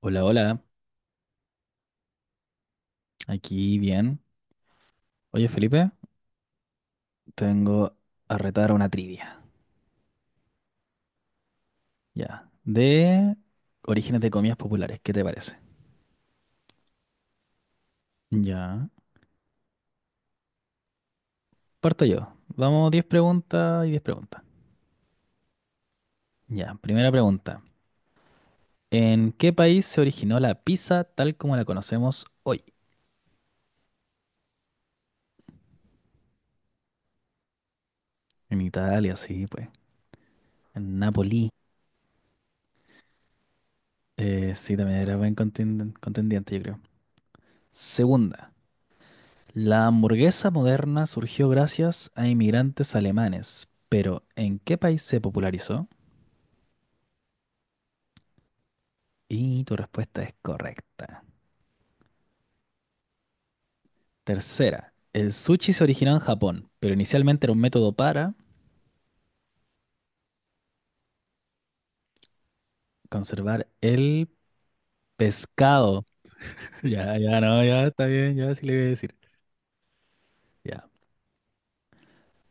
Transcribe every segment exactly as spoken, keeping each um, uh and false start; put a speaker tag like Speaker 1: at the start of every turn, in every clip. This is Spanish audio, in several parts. Speaker 1: Hola, hola, aquí bien. Oye, Felipe, tengo a retar una trivia, ya, de orígenes de comidas populares, ¿qué te parece? Ya, parto yo. Vamos, diez preguntas y diez preguntas. Ya, primera pregunta. ¿En qué país se originó la pizza tal como la conocemos hoy? En Italia, sí, pues. En Napoli. Eh, sí, también era buen contin- contendiente, yo creo. Segunda. La hamburguesa moderna surgió gracias a inmigrantes alemanes, pero ¿en qué país se popularizó? Y tu respuesta es correcta. Tercera, el sushi se originó en Japón, pero inicialmente era un método para conservar el pescado. Ya, ya, no, ya está bien, ya sí le voy a decir. Ya.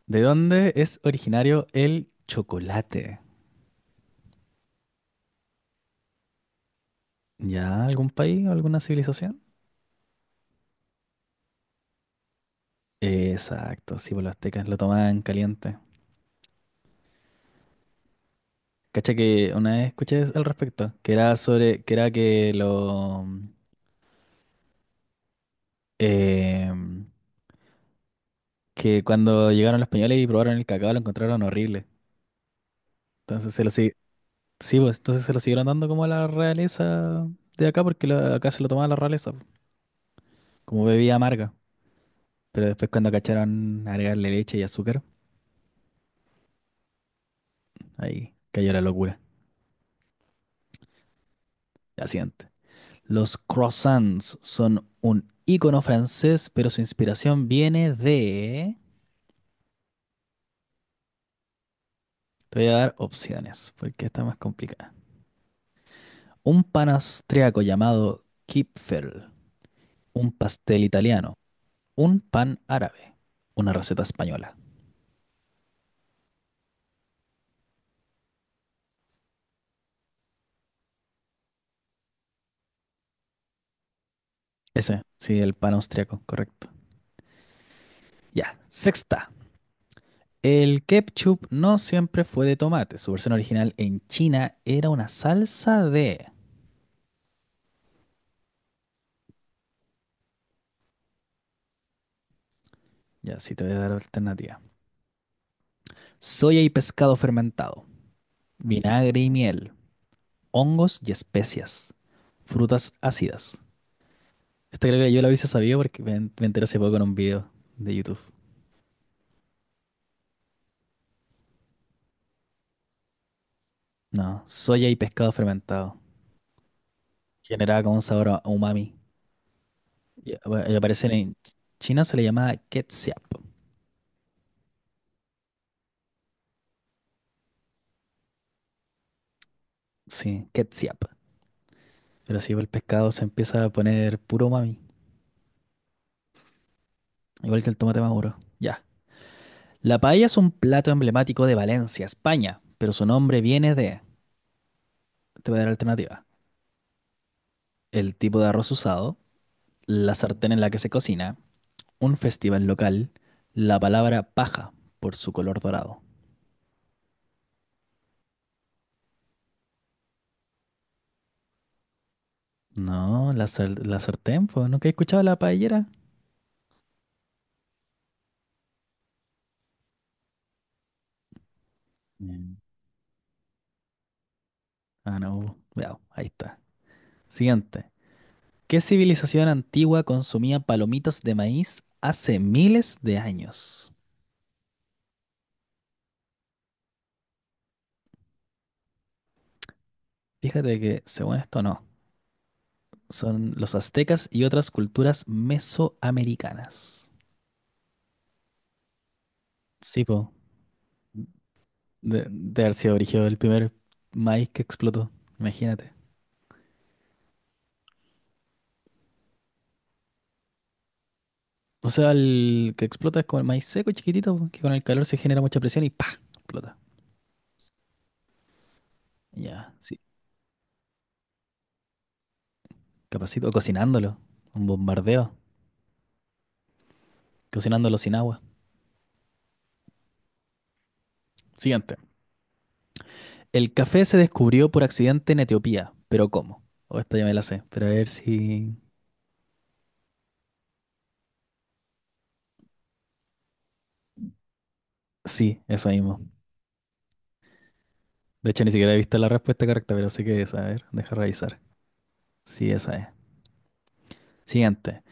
Speaker 1: ¿De dónde es originario el chocolate? ¿Ya algún país, o alguna civilización? Exacto, sí, pues los aztecas lo tomaban caliente. Cacha que una vez escuché al respecto, que era sobre, que era que lo em, que cuando llegaron los españoles y probaron el cacao lo encontraron horrible. Entonces se lo sig- sí, pues entonces se lo siguieron dando como a la realeza de acá, porque la- acá se lo tomaba la realeza, pues, como bebida amarga. Pero después cuando cacharon agregarle leche y azúcar, ahí cayó la locura. La siguiente. Los croissants son un ícono francés, pero su inspiración viene de: te voy a dar opciones, porque está más complicada. Un pan austriaco llamado Kipfel, un pastel italiano, un pan árabe, una receta española. Ese, sí, el pan austriaco, correcto. Ya, sexta. El ketchup no siempre fue de tomate. Su versión original en China era una salsa de: ya, sí, te voy a dar alternativa. Soya y pescado fermentado, vinagre y miel, hongos y especias, frutas ácidas. Esta creo que yo la hubiese sabido porque me, me enteré hace poco en un video de YouTube. No, soya y pescado fermentado. Generaba como un sabor a a umami. Y, bueno, y aparece en China, se le llama ketchup. Sí, ketchup. Pero sí, el pescado se empieza a poner puro umami. Igual que el tomate maduro. Ya. La paella es un plato emblemático de Valencia, España. Pero su nombre viene de: te voy a dar alternativa. El tipo de arroz usado, la sartén en la que se cocina, un festival local, la palabra paja por su color dorado. No, la, sar- la sartén, pues, ¿nunca he escuchado la paellera? Mm. Ah, no, cuidado, ahí está. Siguiente. ¿Qué civilización antigua consumía palomitas de maíz hace miles de años? Fíjate que, según esto, no. Son los aztecas y otras culturas mesoamericanas. Sí, po. De, de haber sido brígido el primer maíz que explotó. Imagínate. O sea, el que explota es como el maíz seco, chiquitito, po, que con el calor se genera mucha presión y ¡pa! Explota. Ya, sí. Capacito. O cocinándolo. Un bombardeo. Cocinándolo sin agua. Siguiente. El café se descubrió por accidente en Etiopía. ¿Pero cómo? O esta ya me la sé. Pero a ver si. Sí, eso mismo. De hecho, ni siquiera he visto la respuesta correcta, pero sé que es. A ver, deja revisar. Sí, esa es. Siguiente.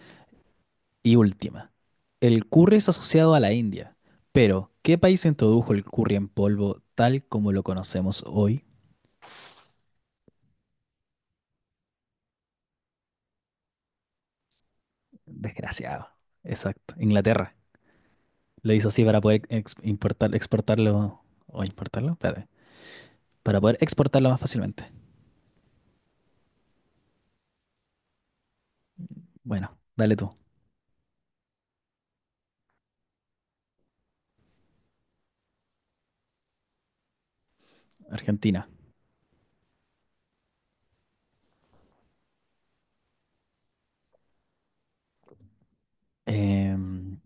Speaker 1: Y última, el curry es asociado a la India, pero ¿qué país introdujo el curry en polvo tal como lo conocemos hoy? Desgraciado. Exacto, Inglaterra. Lo hizo así para poder ex- importar, exportarlo o importarlo, espérate, para poder exportarlo más fácilmente. Bueno, dale tú, Argentina. Em,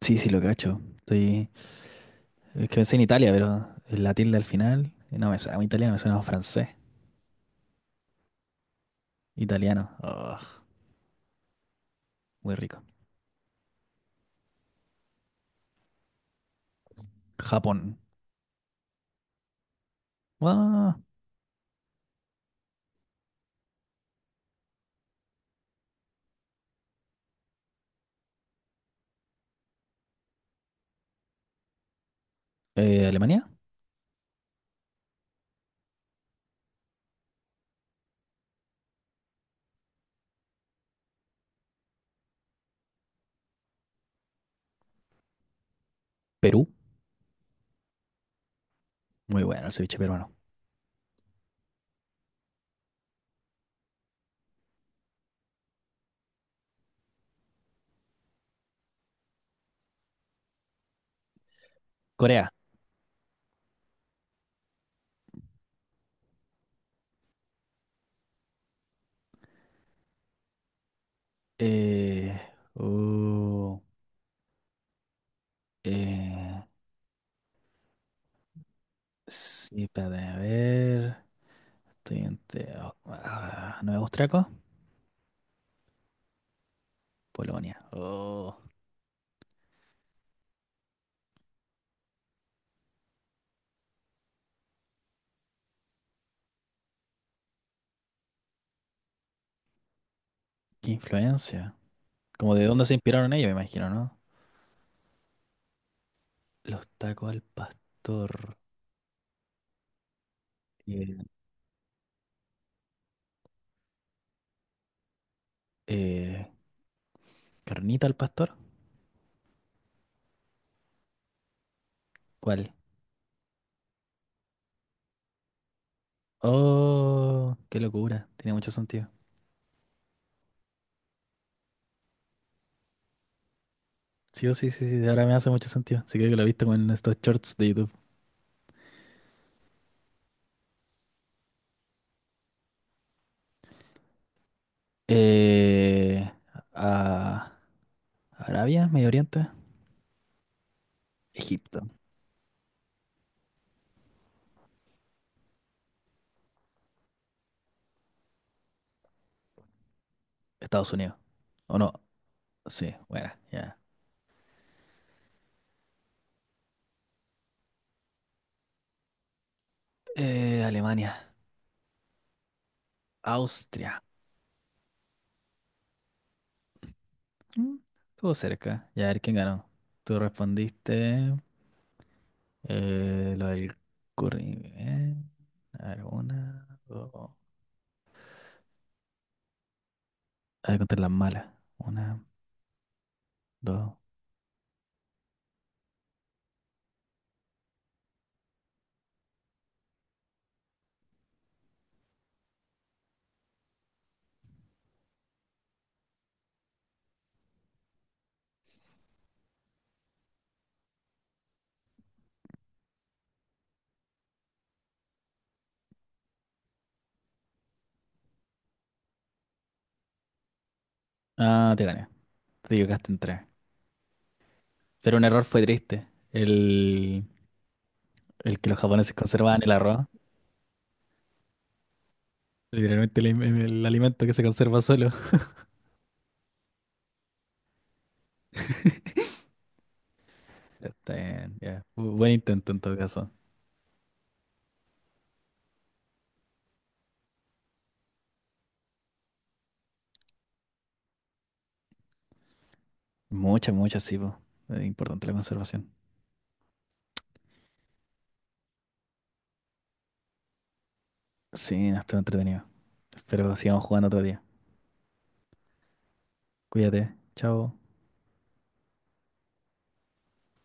Speaker 1: sí, sí, lo cacho. Estoy, es que pensé en Italia, pero la tilde al final eh, no me suena a italiano, me suena a francés. Italiano. Ugh, muy rico. Japón. Ah. Eh, Alemania. Perú, muy bueno el ceviche peruano. Corea, eh, uh, eh, sí, espérate, a ver, estoy entre, oh, ah, Nueva Austriaco, Polonia. Oh, qué influencia. Como de dónde se inspiraron ellos, me imagino, ¿no? Los tacos al pastor. eh, eh, ¿Carnita al pastor? ¿Cuál? Oh, qué locura, tiene mucho sentido. Sí, oh, sí, sí, sí, ahora me hace mucho sentido. Sí, creo que lo he visto con estos shorts de YouTube. Eh, a Arabia, Medio Oriente, Egipto, Estados Unidos. ¿O no? Sí, bueno, ya. Eh, Alemania, Austria. Mm, Estuvo cerca. Ya, a ver quién ganó. Tú respondiste eh, lo del curry. eh. A ver, una, dos. A ver, contar las malas. Una, dos. Ah, te gané. Te equivocaste en tres. Pero un error fue triste. El, el que los japoneses conservaban el arroz. Literalmente el, im- el alimento que se conserva solo. Está bien, ya. Bu- Buen intento en todo caso. Muchas, muchas, sí, po. Es importante la conservación. Sí, no, estuvo entretenido. Espero sigamos jugando otro día. Cuídate. Chao.